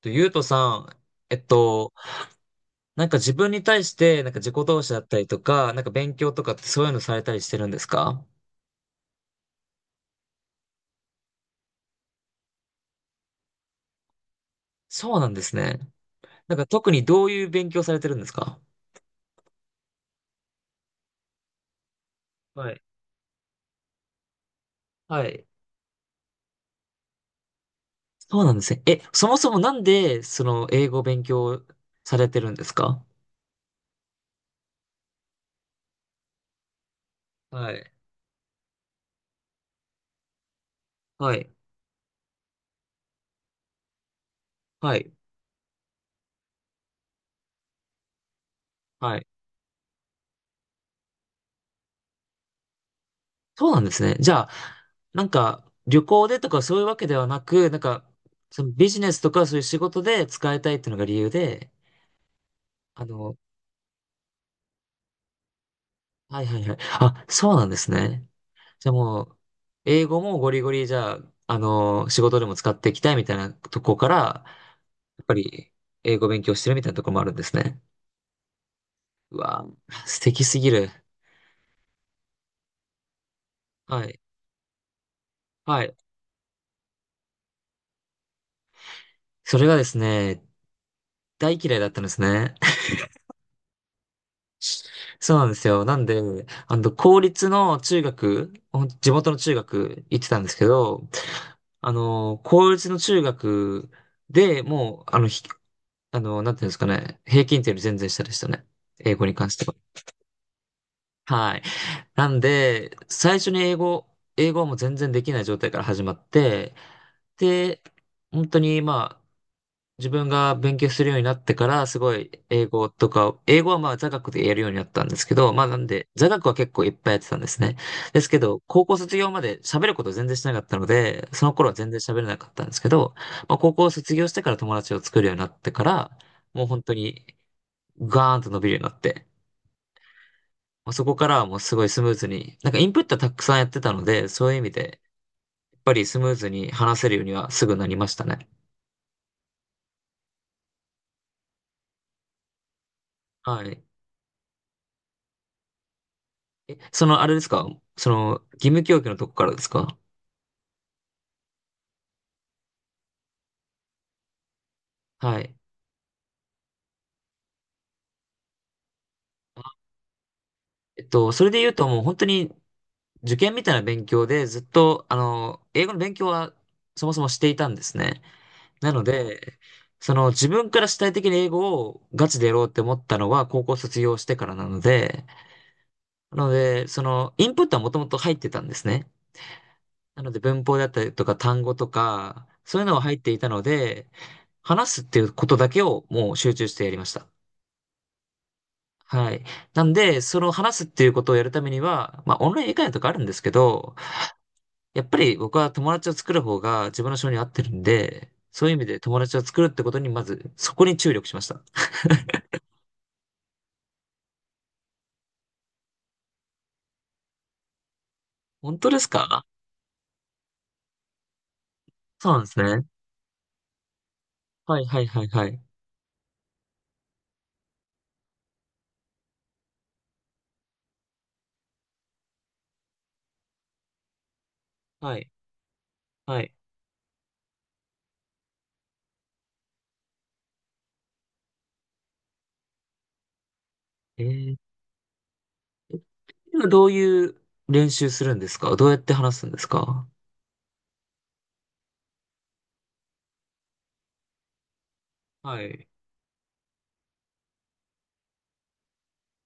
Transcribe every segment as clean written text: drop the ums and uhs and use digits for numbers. と、ゆうとさん、えっと、なんか自分に対して、自己投資だったりとか、勉強とかってそういうのされたりしてるんですか？そうなんですね。なんか特にどういう勉強されてるんですか？はい。はい。そうなんですね。え、そもそもなんで、その、英語を勉強されてるんですか？はい。はい。はい。はい。そうなんですね。じゃあ、なんか、旅行でとかそういうわけではなく、なんか、そのビジネスとかそういう仕事で使いたいっていうのが理由で、あの、はいはいはい。あ、そうなんですね。じゃあもう、英語もゴリゴリじゃあ、あの、仕事でも使っていきたいみたいなとこから、やっぱり英語勉強してるみたいなとこもあるんですね。うわ、素敵すぎる。はい。はい。それがですね、大嫌いだったんですね。そうなんですよ。なんで、あの、公立の中学、ほん地元の中学行ってたんですけど、あの、公立の中学でもう、あの、ひ、あの、なんていうんですかね、平均点より全然下でしたね。英語に関しては。はい。なんで、最初に英語、英語はもう全然できない状態から始まって、で、本当に、まあ、自分が勉強するようになってから、すごい英語とか、英語はまあ座学でやるようになったんですけど、まあなんで、座学は結構いっぱいやってたんですね。ですけど、高校卒業まで喋ること全然しなかったので、その頃は全然喋れなかったんですけど、まあ高校卒業してから友達を作るようになってから、もう本当にガーンと伸びるようになって、まあそこからはもうすごいスムーズに、なんかインプットはたくさんやってたので、そういう意味で、やっぱりスムーズに話せるようにはすぐなりましたね。はい。え、その、あれですか？その、義務教育のとこからですか？はい。あ、えっと、それで言うともう本当に受験みたいな勉強でずっと、あの、英語の勉強はそもそもしていたんですね。なので、その自分から主体的に英語をガチでやろうって思ったのは高校卒業してからなので、なので、その、インプットはもともと入ってたんですね。なので、文法だったりとか単語とか、そういうのは入っていたので、話すっていうことだけをもう集中してやりました。はい。なんで、その話すっていうことをやるためには、まあ、オンライン以外とかあるんですけど、やっぱり僕は友達を作る方が自分の性に合ってるんで、そういう意味で友達を作るってことに、まず、そこに注力しました。本当ですか？そうなんですね。はいはいはいはい。はい。はい。えー、え、今どういう練習するんですか？どうやって話すんですか？はい。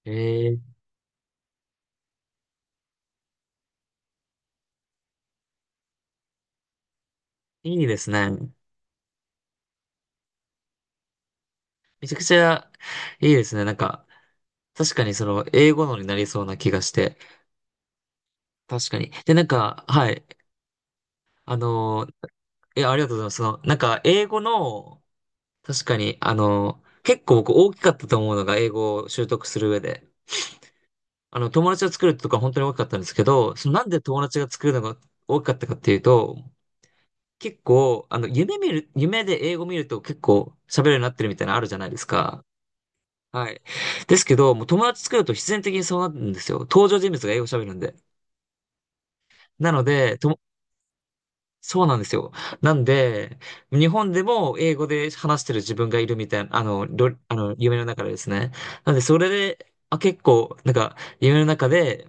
えー、いいですね。めちゃくちゃいいですね。なんか、確かにその英語のになりそうな気がして。確かに。で、なんか、はい。あのー、え、ありがとうございます。その、なんか、英語の、確かに、あのー、結構僕大きかったと思うのが、英語を習得する上で。あの、友達を作るとか本当に大きかったんですけど、そのなんで友達が作るのが大きかったかっていうと、結構、あの、夢見る、夢で英語見ると結構喋るようになってるみたいなのあるじゃないですか。はい。ですけど、もう友達作ると必然的にそうなるんですよ。登場人物が英語喋るんで。なので、と、そうなんですよ。なんで、日本でも英語で話してる自分がいるみたいな、あの、りょ、あの、夢の中でですね。なんで、それで、あ、結構、なんか、夢の中で、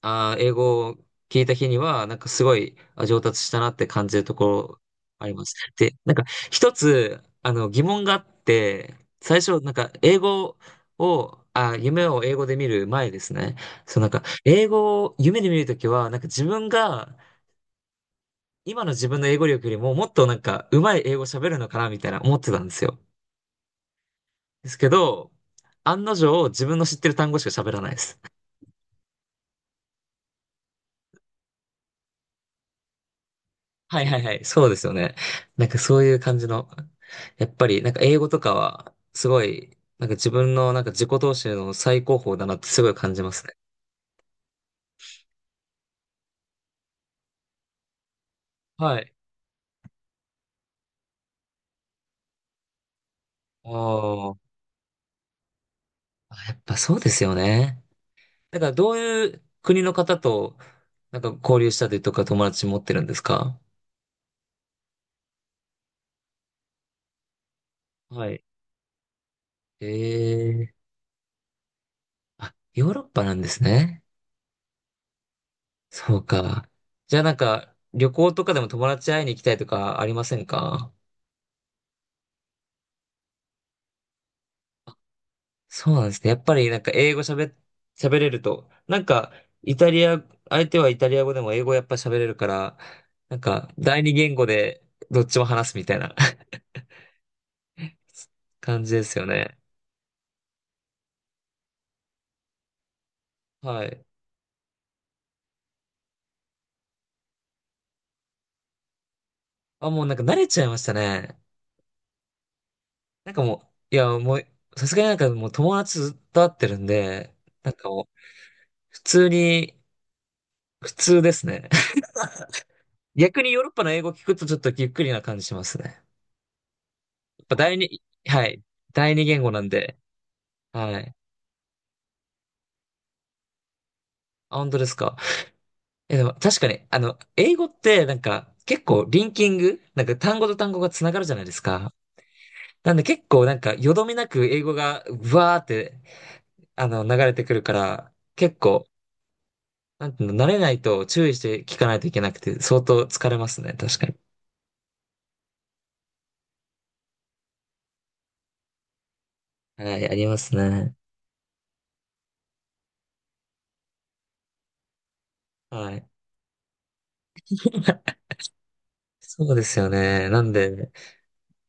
あー、英語を聞いた日には、なんかすごい、あ、上達したなって感じるところあります。で、なんか、一つ、あの、疑問があって、最初、なんか、英語を、あ、夢を英語で見る前ですね。そう、なんか、英語を夢で見るときは、なんか自分が、今の自分の英語力よりももっとなんか上手い英語喋るのかなみたいな思ってたんですよ。ですけど、案の定自分の知ってる単語しか喋らないです。はいはいはい、そうですよね。なんかそういう感じの、やっぱりなんか英語とかはすごい、なんか自分のなんか自己投資の最高峰だなってすごい感じますね。はい。おー、あ、やっぱそうですよね。だからどういう国の方となんか交流したりとか友達持ってるんですか？はい。ええ、あ、ヨーロッパなんですね。そうか。じゃあなんか、旅行とかでも友達会いに行きたいとかありませんか？そうなんですね。やっぱりなんか英語喋っ、喋れると、なんか、イタリア、相手はイタリア語でも英語やっぱ喋れるから、なんか、第二言語でどっちも話すみたいな 感じですよね。はい。あ、もうなんか慣れちゃいましたね。なんかもう、いや、もう、さすがになんかもう友達ずっと会ってるんで、なんかもう、普通に、普通ですね。逆にヨーロッパの英語聞くとちょっとゆっくりな感じしますね。やっぱ第二、はい。第二言語なんで。はい。あ、本当ですか。え、でも確かに、あの、英語ってなんか結構リンキング、なんか単語と単語がつながるじゃないですか。なんで結構なんかよどみなく英語がうわーって、あの、流れてくるから、結構、なんていうの、慣れないと注意して聞かないといけなくて、相当疲れますね。確かに。はい、ありますね。はい。そうですよね。なんで、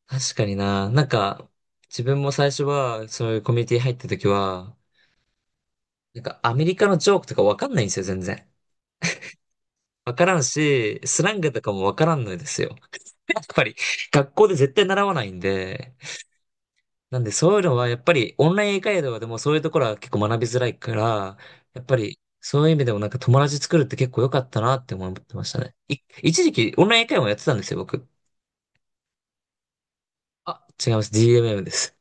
確かにな。なんか、自分も最初は、そういうコミュニティ入った時は、なんかアメリカのジョークとかわかんないんですよ、全然。わからんし、スラングとかもわからんのですよ。やっぱり、学校で絶対習わないんで。なんで、そういうのは、やっぱり、オンライン英会話でもそういうところは結構学びづらいから、やっぱり、そういう意味でもなんか友達作るって結構良かったなって思ってましたね。い、一時期、オンライン英会話もやってたんですよ、僕。あ、違います。DMM です。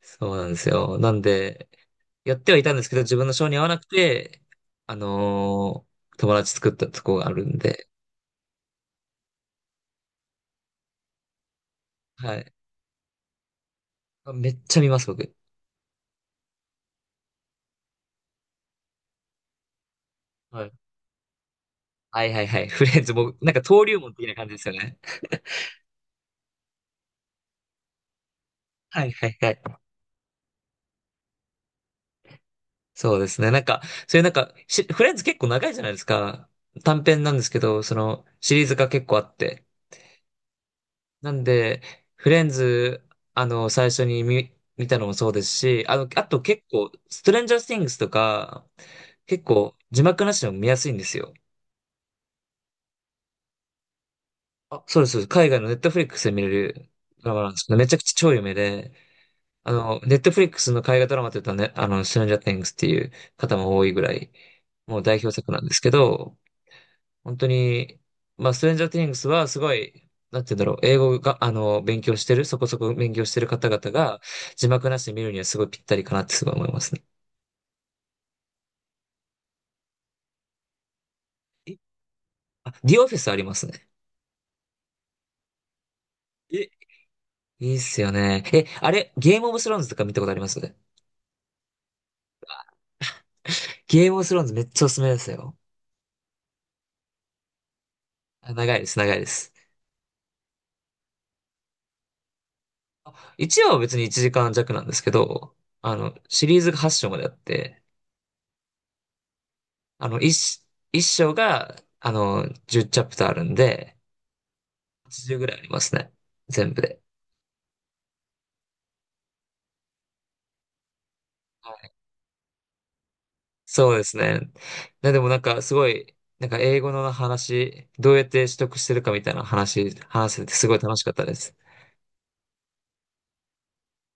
そうなんですよ。なんで、やってはいたんですけど、自分の性に合わなくて、あのー、友達作ったとこがあるんで、はい。めっちゃ見ます、僕。はい。はいはいはい。フレンズ、僕なんか登竜門的な感じですよね。はいはいはい。そうですね。なんか、そういうなんか、し、フレンズ結構長いじゃないですか。短編なんですけど、その、シリーズが結構あって。なんで、フレンズ、あの、最初に見、見たのもそうですし、あの、あと結構、ストレンジャー・スティングスとか、結構、字幕なしでも見やすいんですよ。あ、そうです。そうです、海外のネットフリックスで見れるドラマなんですけど、めちゃくちゃ超有名で、あの、ネットフリックスの海外ドラマって言ったらね、あの、ストレンジャー・ティングスっていう方も多いぐらい、もう代表作なんですけど、本当に、まあ、ストレンジャー・ティングスはすごい、なんて言うんだろう、英語が、あの、勉強してる、そこそこ勉強してる方々が、字幕なしで見るにはすごいぴったりかなってすごい思いますね。え、あ、ディオフィスありますね。え、いいっすよね。え、あれ、ゲームオブスローンズとか見たことあります？ゲームオブスローンズめっちゃおすすめですよ。あ、長いです、長いです。1話は別に1時間弱なんですけど、あの、シリーズが8章まであって、あの、1、一章が、あの、10チャプターあるんで、80ぐらいありますね。全部で。はい、そうですね。ね、でもなんかすごい、なんか英語の話、どうやって取得してるかみたいな話、話せてすごい楽しかったです。